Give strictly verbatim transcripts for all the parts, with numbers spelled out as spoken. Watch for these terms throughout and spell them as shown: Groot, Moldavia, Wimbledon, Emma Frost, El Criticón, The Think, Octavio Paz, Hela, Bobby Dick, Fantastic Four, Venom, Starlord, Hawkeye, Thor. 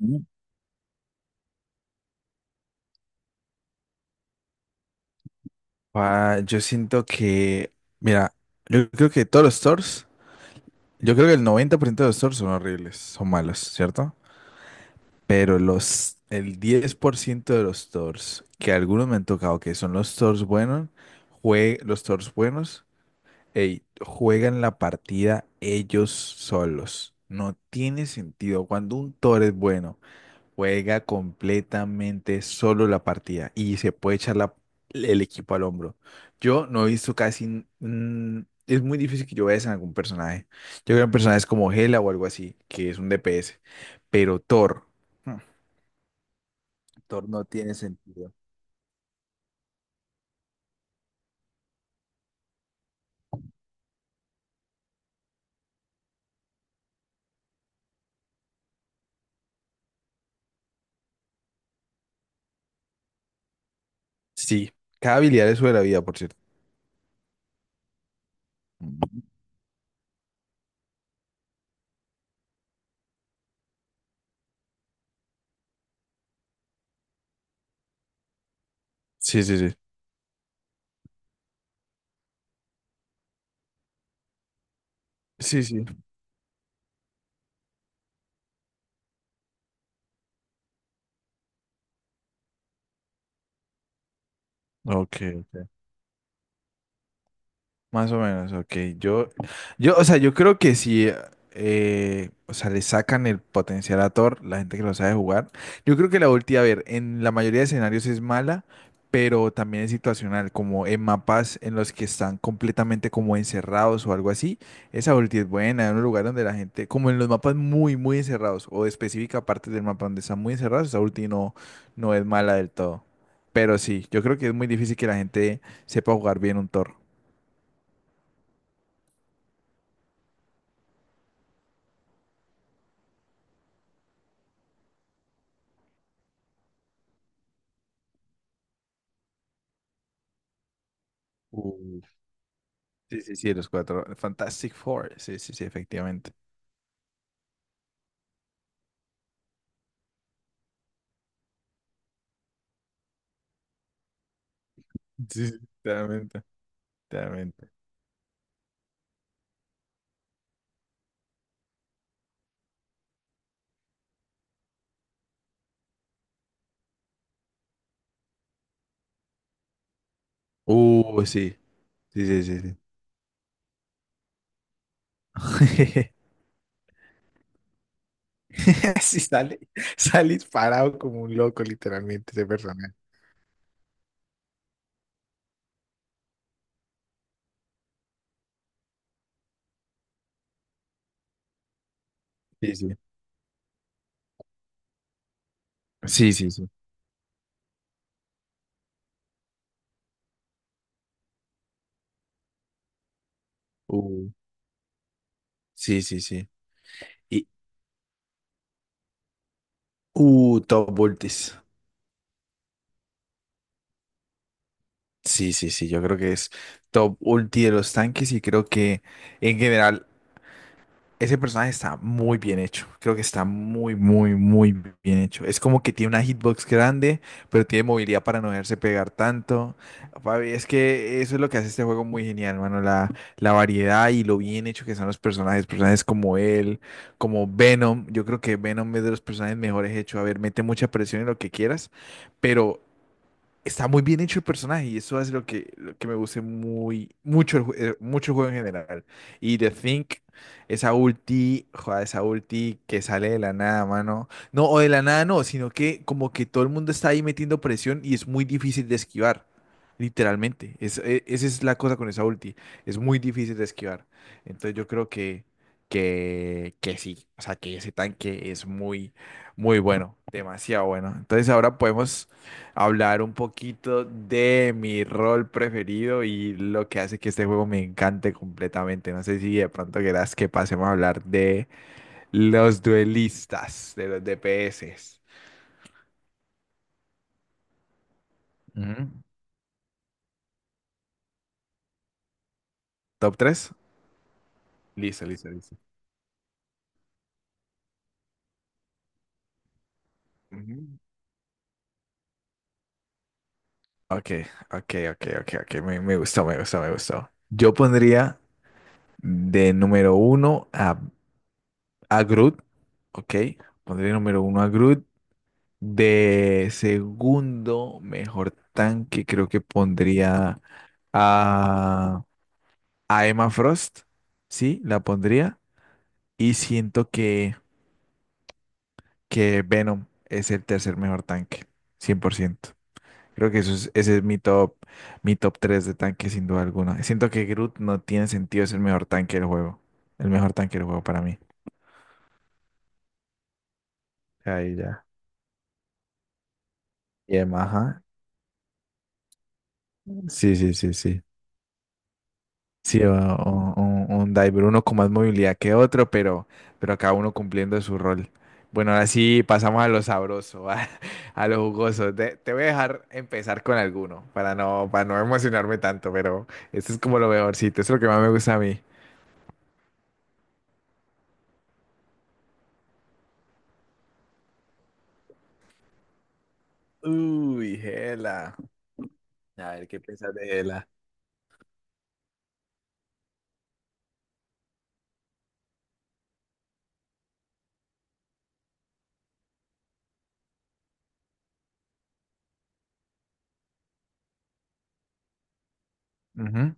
Ujú. Ah, yo siento que, mira, yo creo que todos los stores, yo creo que el noventa por ciento de los stores son horribles, son malos, ¿cierto? Pero los, el diez por ciento de los stores, que algunos me han tocado, que son los stores buenos, jue- los stores buenos, ey, juegan la partida ellos solos. No tiene sentido. Cuando un tor es bueno juega completamente solo la partida y se puede echar la- el equipo al hombro. Yo no he visto casi... n- mm, Es muy difícil que yo vea eso en algún personaje. Yo veo en personajes como Hela o algo así, que es un D P S. Pero Thor... hmm, Thor no tiene sentido. Sí, cada habilidad es sobre la vida, por cierto. Mm. Sí, sí, sí. Sí, sí. Ok. Más o menos, ok. Yo, yo, o sea, yo creo que si, eh, o sea, le sacan el potencial a Thor, la gente que lo sabe jugar. Yo creo que la ulti, a ver, en la mayoría de escenarios es mala, pero también es situacional, como en mapas en los que están completamente como encerrados o algo así. Esa ulti es buena, en un lugar donde la gente, como en los mapas muy, muy encerrados, o de específica parte del mapa donde están muy encerrados, esa ulti no, no es mala del todo. Pero sí, yo creo que es muy difícil que la gente sepa jugar bien un Thor. Uf. Sí, sí, sí, los cuatro. Fantastic Four. Sí, sí, sí, efectivamente. Sí, sí, claramente, claramente. Uh, sí. Sí, sí, sí, sí. Sí, sale, sale disparado como un loco, literalmente, ese personaje. Sí, sí. Sí, sí, sí. Uh, sí, sí, sí. Y, uh, Top Ultis. Sí, sí, sí, yo creo que es Top Ulti de los tanques y creo que en general ese personaje está muy bien hecho. Creo que está muy, muy, muy bien hecho. Es como que tiene una hitbox grande, pero tiene movilidad para no dejarse pegar tanto. Papi, es que eso es lo que hace este juego muy genial, mano. La, la variedad y lo bien hecho que son los personajes. Personajes como él, como Venom. Yo creo que Venom es de los personajes mejores hechos. A ver, mete mucha presión en lo que quieras, pero está muy bien hecho el personaje y eso es lo que, lo que me gusta muy, mucho el, ju- eh, mucho el juego en general. Y The Think, esa ulti, joder, esa ulti que sale de la nada, mano. No, o de la nada no, sino que como que todo el mundo está ahí metiendo presión y es muy difícil de esquivar. Literalmente, es, e- esa es la cosa con esa ulti, es muy difícil de esquivar. Entonces yo creo que, que, que sí, o sea que ese tanque es muy, muy bueno, demasiado bueno. Entonces ahora podemos hablar un poquito de mi rol preferido y lo que hace que este juego me encante completamente. No sé si de pronto querás que pasemos a hablar de los duelistas, de los D P S. Ujú. ¿Top tres? Listo, listo, listo. Ujú. Ok, ok, ok, ok, ok. Me, me gustó, me gustó, me gustó. Yo pondría de número uno a, a, Groot. Ok, pondría número uno a Groot. De segundo mejor tanque, creo que pondría a, a Emma Frost. Sí, la pondría. Y siento que, que, Venom es el tercer mejor tanque, cien por ciento. Creo que eso es, ese es mi top, mi top tres de tanque, sin duda alguna. Siento que Groot no tiene sentido, es el mejor tanque del juego. El mejor tanque del juego para mí. Ahí ya. Y Emma, ajá. Sí, sí, sí, sí. Sí, o- o- un, un diver, uno con más movilidad que otro, pero, pero cada uno cumpliendo su rol. Bueno, ahora sí pasamos a lo sabroso, a, a lo jugoso. Te, te voy a dejar empezar con alguno para no, para no emocionarme tanto, pero esto es como lo mejorcito, es lo que más me gusta a mí. Uy, Gela. A ver, ¿qué piensas de Gela? Ujú.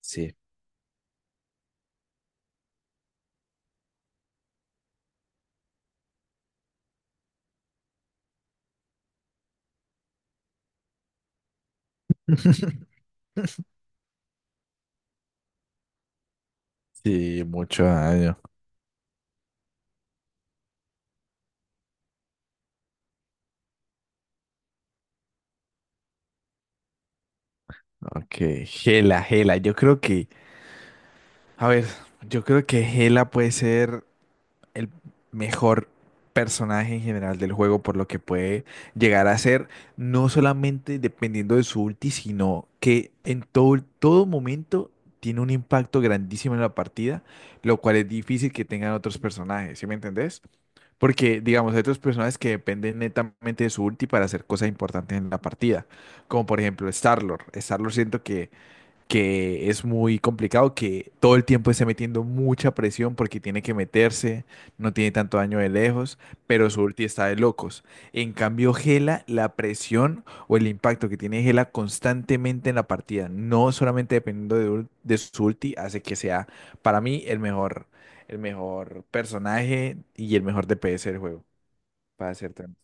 Sí. Sí, mucho daño. Ok, Gela, Gela. Yo creo que, a ver, yo creo que Gela puede ser el mejor personaje en general del juego por lo que puede llegar a ser, no solamente dependiendo de su ulti, sino que en todo, todo momento tiene un impacto grandísimo en la partida, lo cual es difícil que tengan otros personajes, ¿sí me entendés? Porque, digamos, hay otros personajes que dependen netamente de su ulti para hacer cosas importantes en la partida. Como por ejemplo Starlord. Starlord Siento que que es muy complicado, que todo el tiempo esté metiendo mucha presión porque tiene que meterse, no tiene tanto daño de lejos, pero su ulti está de locos. En cambio, Gela, la presión o el impacto que tiene Gela constantemente en la partida, no solamente dependiendo de, ul- de su ulti, hace que sea para mí el mejor, el mejor personaje y el mejor D P S del juego, para ser tan.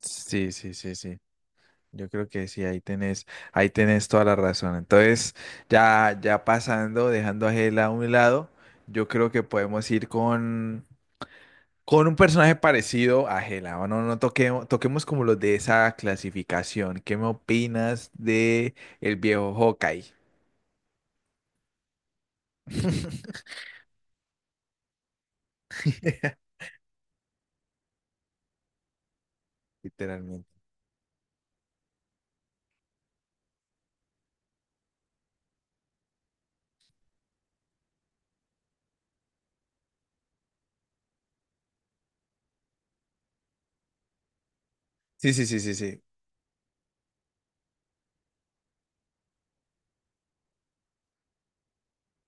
Sí, sí, sí, sí. Yo creo que sí, ahí tenés, ahí tenés, toda la razón. Entonces, ya, ya pasando, dejando a Hela a un lado, yo creo que podemos ir con, con, un personaje parecido a Hela. O no, no toquemos, toquemos como los de esa clasificación. ¿Qué me opinas de el viejo Hawkeye? Literalmente. Sí, sí, sí, sí, sí.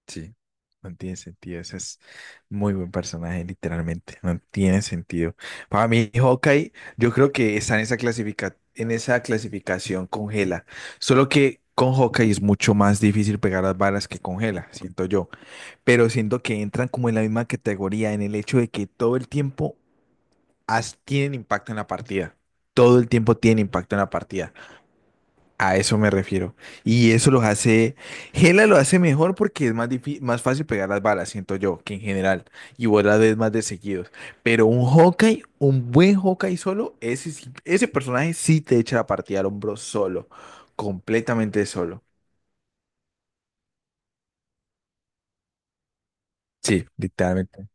Sí, no tiene sentido. Ese es muy buen personaje, literalmente. No tiene sentido. Para mí, Hawkeye, yo creo que está en esa clasifica- en esa clasificación congela. Solo que con Hawkeye es mucho más difícil pegar las balas que congela, siento yo. Pero siento que entran como en la misma categoría en el hecho de que todo el tiempo has- tienen impacto en la partida. Todo el tiempo tienen impacto en la partida. A eso me refiero. Y eso los hace, Gela lo hace mejor porque es más difí- más fácil pegar las balas, siento yo, que en general. Y vos las ves más de seguidos. Pero un Hawkeye, un buen Hawkeye solo, ese, sí- ese personaje sí te echa la partida al hombro solo. Completamente solo. Sí, literalmente.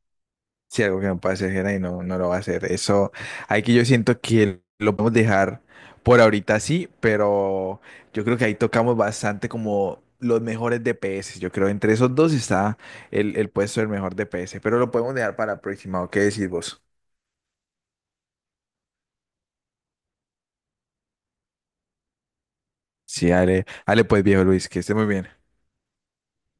Si algo que no puede hacer Jera y no, no lo va a hacer. Eso, aquí yo siento que lo podemos dejar por ahorita así, pero yo creo que ahí tocamos bastante como los mejores D P S. Yo creo entre esos dos está el, el puesto del mejor D P S, pero lo podemos dejar para la próxima. ¿O ¿Qué decís vos? Sí, dale, dale pues viejo Luis, que esté muy bien.